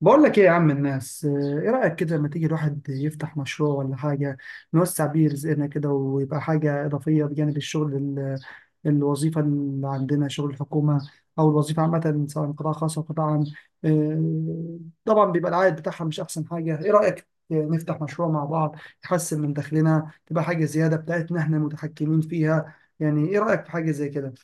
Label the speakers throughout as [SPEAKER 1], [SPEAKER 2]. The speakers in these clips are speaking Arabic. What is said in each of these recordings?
[SPEAKER 1] بقول لك ايه يا عم الناس، ايه رأيك كده لما تيجي الواحد يفتح مشروع ولا حاجة، نوسع بيه رزقنا كده ويبقى حاجة إضافية بجانب الشغل الوظيفة اللي عندنا، شغل الحكومة أو الوظيفة عامة، سواء قطاع خاص أو قطاع عام. آه، طبعا بيبقى العائد بتاعها مش أحسن حاجة. ايه رأيك نفتح مشروع مع بعض، يحسن من دخلنا، تبقى حاجة زيادة بتاعتنا احنا متحكمين فيها. يعني ايه رأيك في حاجة زي كده؟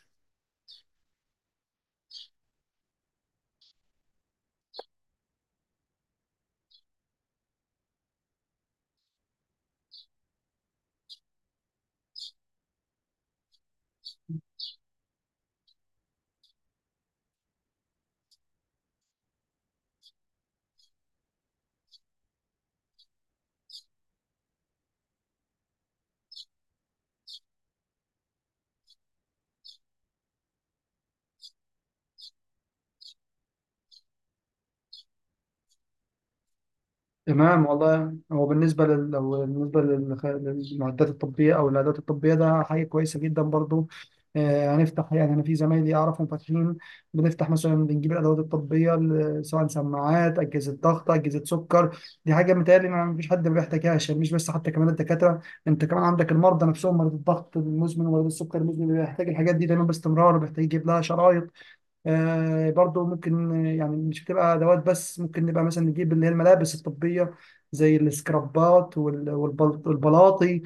[SPEAKER 1] تمام، والله هو بالنسبة لل... لو بالنسبة لل- للمعدات الطبية أو الأدوات الطبية ده حاجة كويسة جدا برضو. هنفتح يعني، أنا في زمايلي أعرفهم فاتحين. بنفتح مثلا بنجيب الأدوات الطبية، سواء سماعات، أجهزة ضغط، أجهزة سكر. دي حاجة متهيألي ما فيش حد ما بيحتاجهاش، يعني مش بس حتى كمان الدكاترة، أنت كمان عندك المرضى نفسهم، مريض الضغط المزمن ومريض السكر المزمن بيحتاج الحاجات دي دايما باستمرار، بيحتاج يجيب لها شرايط. برضو ممكن، يعني مش بتبقى ادوات بس، ممكن نبقى مثلا نجيب اللي هي الملابس الطبيه، زي السكرابات والبلاطي،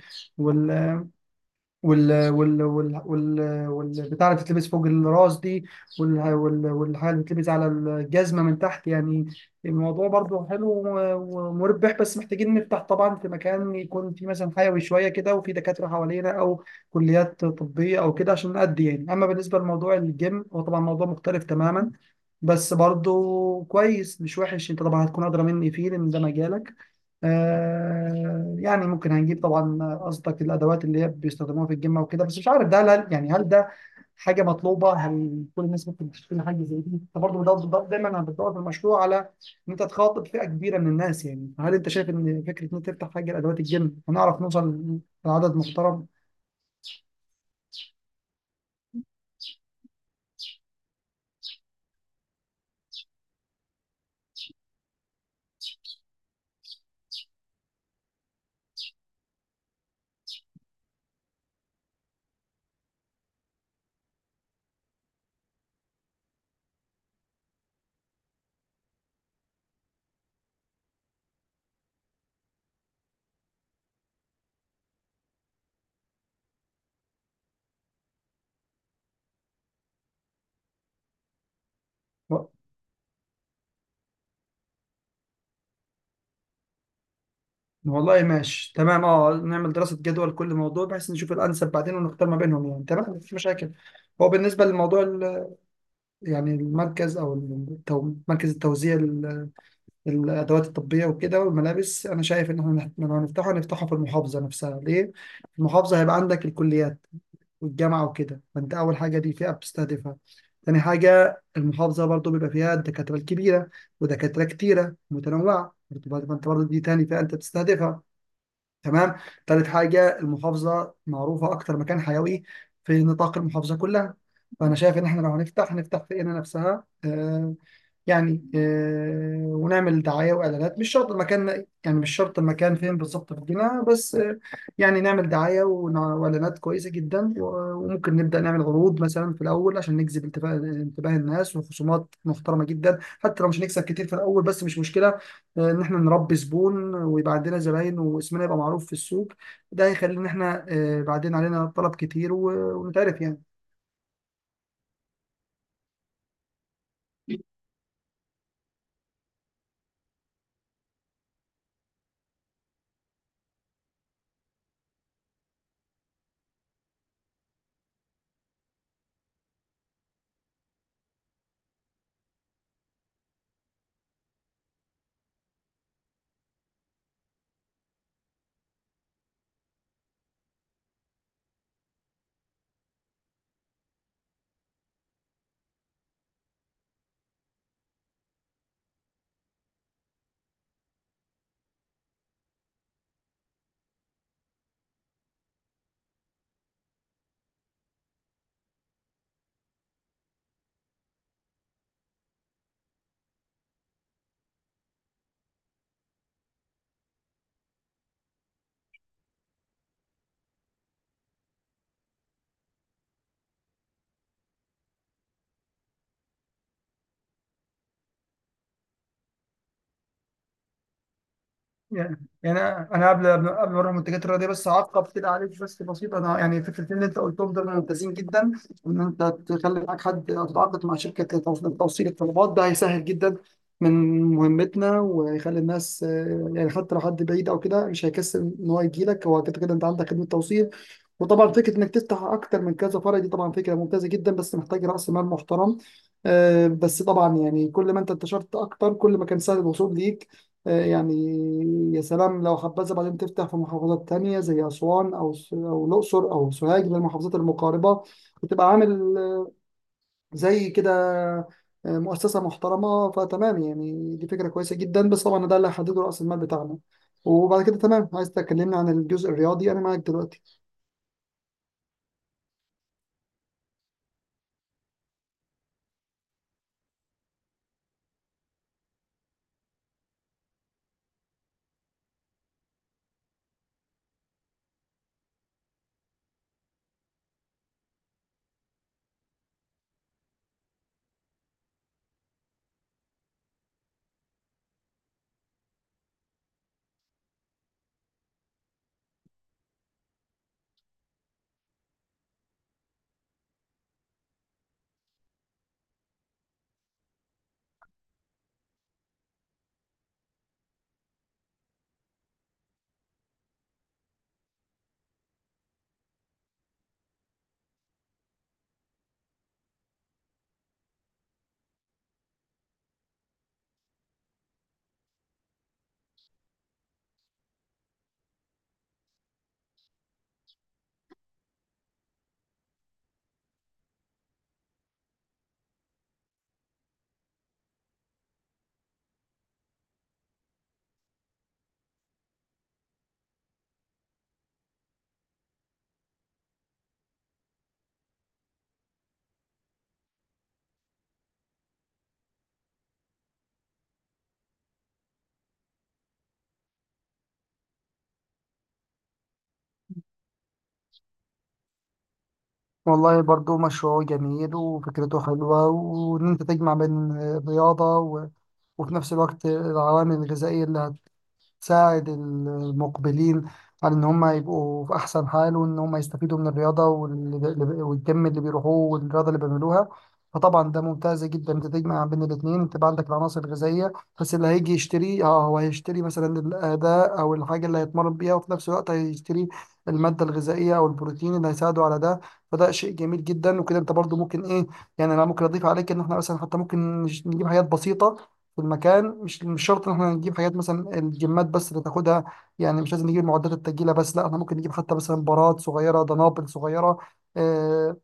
[SPEAKER 1] وال وال وال وال والبتاع اللي بتتلبس فوق الراس دي، والحاجه اللي بتتلبس على الجزمه من تحت يعني. الموضوع برضو حلو ومربح، بس محتاجين نفتح طبعا في مكان يكون فيه مثلا حيوي شويه كده، وفي دكاتره حوالينا او كليات طبيه او كده عشان نأدي يعني. اما بالنسبه لموضوع الجيم، هو طبعا موضوع مختلف تماما، بس برضو كويس مش وحش. انت طبعا هتكون ادرى مني فيه لان ده مجالك. يعني ممكن هنجيب طبعا قصدك الادوات اللي هي بيستخدموها في الجيم وكده، بس مش عارف ده يعني هل ده حاجه مطلوبه؟ هل كل الناس ممكن تشتري حاجه زي دي؟ انت برضه دايما انا بدور في المشروع على ان انت تخاطب فئه كبيره من الناس. يعني هل انت شايف ان فكره ان انت تفتح حاجه لادوات الجيم هنعرف نوصل لعدد محترم؟ و- والله ماشي، تمام، اه، نعمل دراسه جدوى لكل موضوع بحيث نشوف الانسب بعدين ونختار ما بينهم، يعني تمام، مفيش مشاكل. هو بالنسبه للموضوع، يعني المركز او مركز التوزيع الادوات الطبيه وكده والملابس، انا شايف ان احنا، لو هنفتحه نفتحه في المحافظه نفسها. ليه؟ في المحافظه هيبقى عندك الكليات والجامعه وكده، فانت اول حاجه دي فئه بتستهدفها. تاني حاجه، المحافظه برضو بيبقى فيها الدكاتره الكبيره، ودكاتره كتيره متنوعه فانت برضو دي تاني فئه انت بتستهدفها. تمام. تالت حاجه، المحافظه معروفه اكتر مكان حيوي في نطاق المحافظه كلها، فانا شايف ان احنا لو هنفتح نفتح في قنا نفسها. ونعمل دعاية وإعلانات، مش شرط المكان، يعني مش شرط المكان فين بالظبط في المدينة، بس يعني نعمل دعاية وإعلانات كويسة جدا، وممكن نبدأ نعمل عروض مثلا في الأول عشان نجذب انتباه الناس، وخصومات محترمة جدا حتى لو مش هنكسب كتير في الأول، بس مش مشكلة. إن إحنا نربي زبون ويبقى عندنا زباين واسمنا يبقى معروف في السوق. ده هيخلي إن إحنا بعدين علينا طلب كتير، ونتعرف يعني. يعني انا قبل ما اروح المنتجات الرياضيه، بس هعقب كده عليك بس بسيط. انا يعني فكرتين اللي انت قلتهم دول ممتازين جدا، ان انت تخلي معاك حد أو تتعاقد مع شركه توصيل الطلبات، ده هيسهل جدا من مهمتنا، وهيخلي الناس يعني حتى لو حد بعيد او كده مش هيكسل ان هو يجي لك، هو كده كده انت عندك خدمه توصيل. وطبعا فكره انك تفتح اكتر من كذا فرع دي طبعا فكره ممتازه جدا، بس محتاج راس مال محترم. بس طبعا يعني كل ما انت انتشرت اكتر كل ما كان سهل الوصول ليك. يعني يا سلام، لو حبذا بعدين تفتح في محافظات تانية زي أسوان أو الأقصر أو سوهاج من المحافظات المقاربة، وتبقى عامل زي كده، مؤسسة محترمة، فتمام يعني دي فكرة كويسة جدا، بس طبعا ده اللي هيحدده رأس المال بتاعنا. وبعد كده تمام، عايز تكلمنا عن الجزء الرياضي، أنا معاك دلوقتي. والله برضو مشروع جميل وفكرته حلوة، وإن أنت تجمع بين الرياضة وفي نفس الوقت العوامل الغذائية اللي تساعد المقبلين على ان هم يبقوا في احسن حال، وان هم يستفيدوا من الرياضه، والجيم اللي بيروحوه والرياضه اللي بيعملوها. فطبعا ده ممتاز جدا، انت تجمع بين الاثنين، تبقى عندك العناصر الغذائيه. بس اللي هيجي يشتري، هو هيشتري مثلا الاداء او الحاجه اللي هيتمرن بيها، وفي نفس الوقت هيشتري الماده الغذائيه او البروتين اللي هيساعده على ده. فده شيء جميل جدا، وكده انت برضو ممكن ايه، يعني انا ممكن اضيف عليك، ان احنا مثلا حتى ممكن نجيب حاجات بسيطه في المكان، مش شرط ان احنا نجيب حاجات مثلا الجمات بس اللي تاخدها، يعني مش لازم نجيب معدات التجيله بس، لا احنا ممكن نجيب حتى مثلا براد صغيره، دنابل صغيره. آه،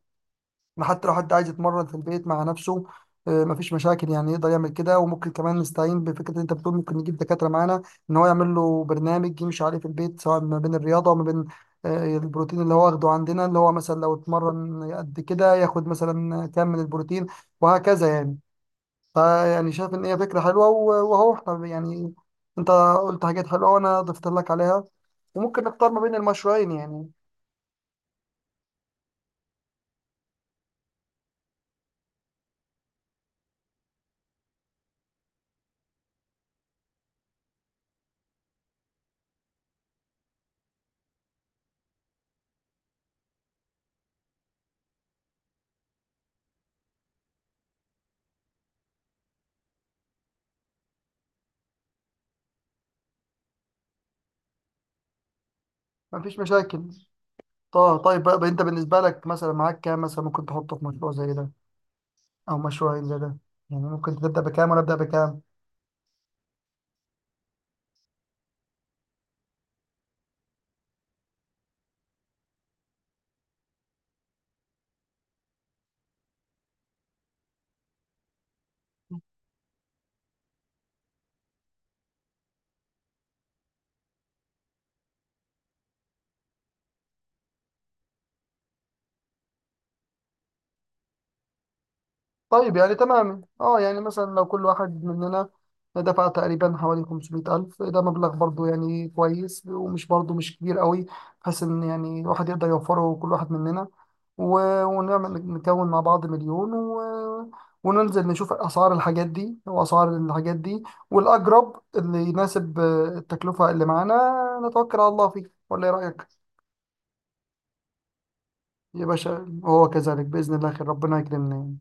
[SPEAKER 1] حتى لو حد عايز يتمرن في البيت مع نفسه، مفيش مشاكل، يعني يقدر يعمل كده. وممكن كمان نستعين بفكره اللي انت بتقول ممكن نجيب دكاتره معانا، ان هو يعمل له برنامج يمشي عليه في البيت، سواء ما بين الرياضه وما بين البروتين اللي هو واخده عندنا، اللي هو مثلا لو اتمرن قد كده ياخد مثلا كام من البروتين، وهكذا يعني. فيعني شايف ان هي فكره حلوه، وهو احنا يعني، انت قلت حاجات حلوه وانا ضفت لك عليها، وممكن نختار ما بين المشروعين يعني. مفيش مشاكل. طيب، طيب بقى انت، بالنسبه لك مثلا معاك كام، مثلا ممكن تحطه في مشروع زي ده او مشروعين زي ده؟ يعني ممكن تبدا بكام وانا ابدا بكام؟ طيب يعني تمام، اه، يعني مثلا لو كل واحد مننا دفع تقريبا حوالي 500,000، ده مبلغ برضو يعني كويس ومش برضو مش كبير قوي، بحيث ان يعني الواحد يقدر يوفره كل واحد مننا، ونعمل نكون مع بعض مليون، وننزل نشوف اسعار الحاجات دي واسعار الحاجات دي، والاقرب اللي يناسب التكلفة اللي معانا، نتوكل على الله فيه ولا ايه رأيك؟ يا باشا، هو كذلك بإذن الله، خير، ربنا يكرمنا.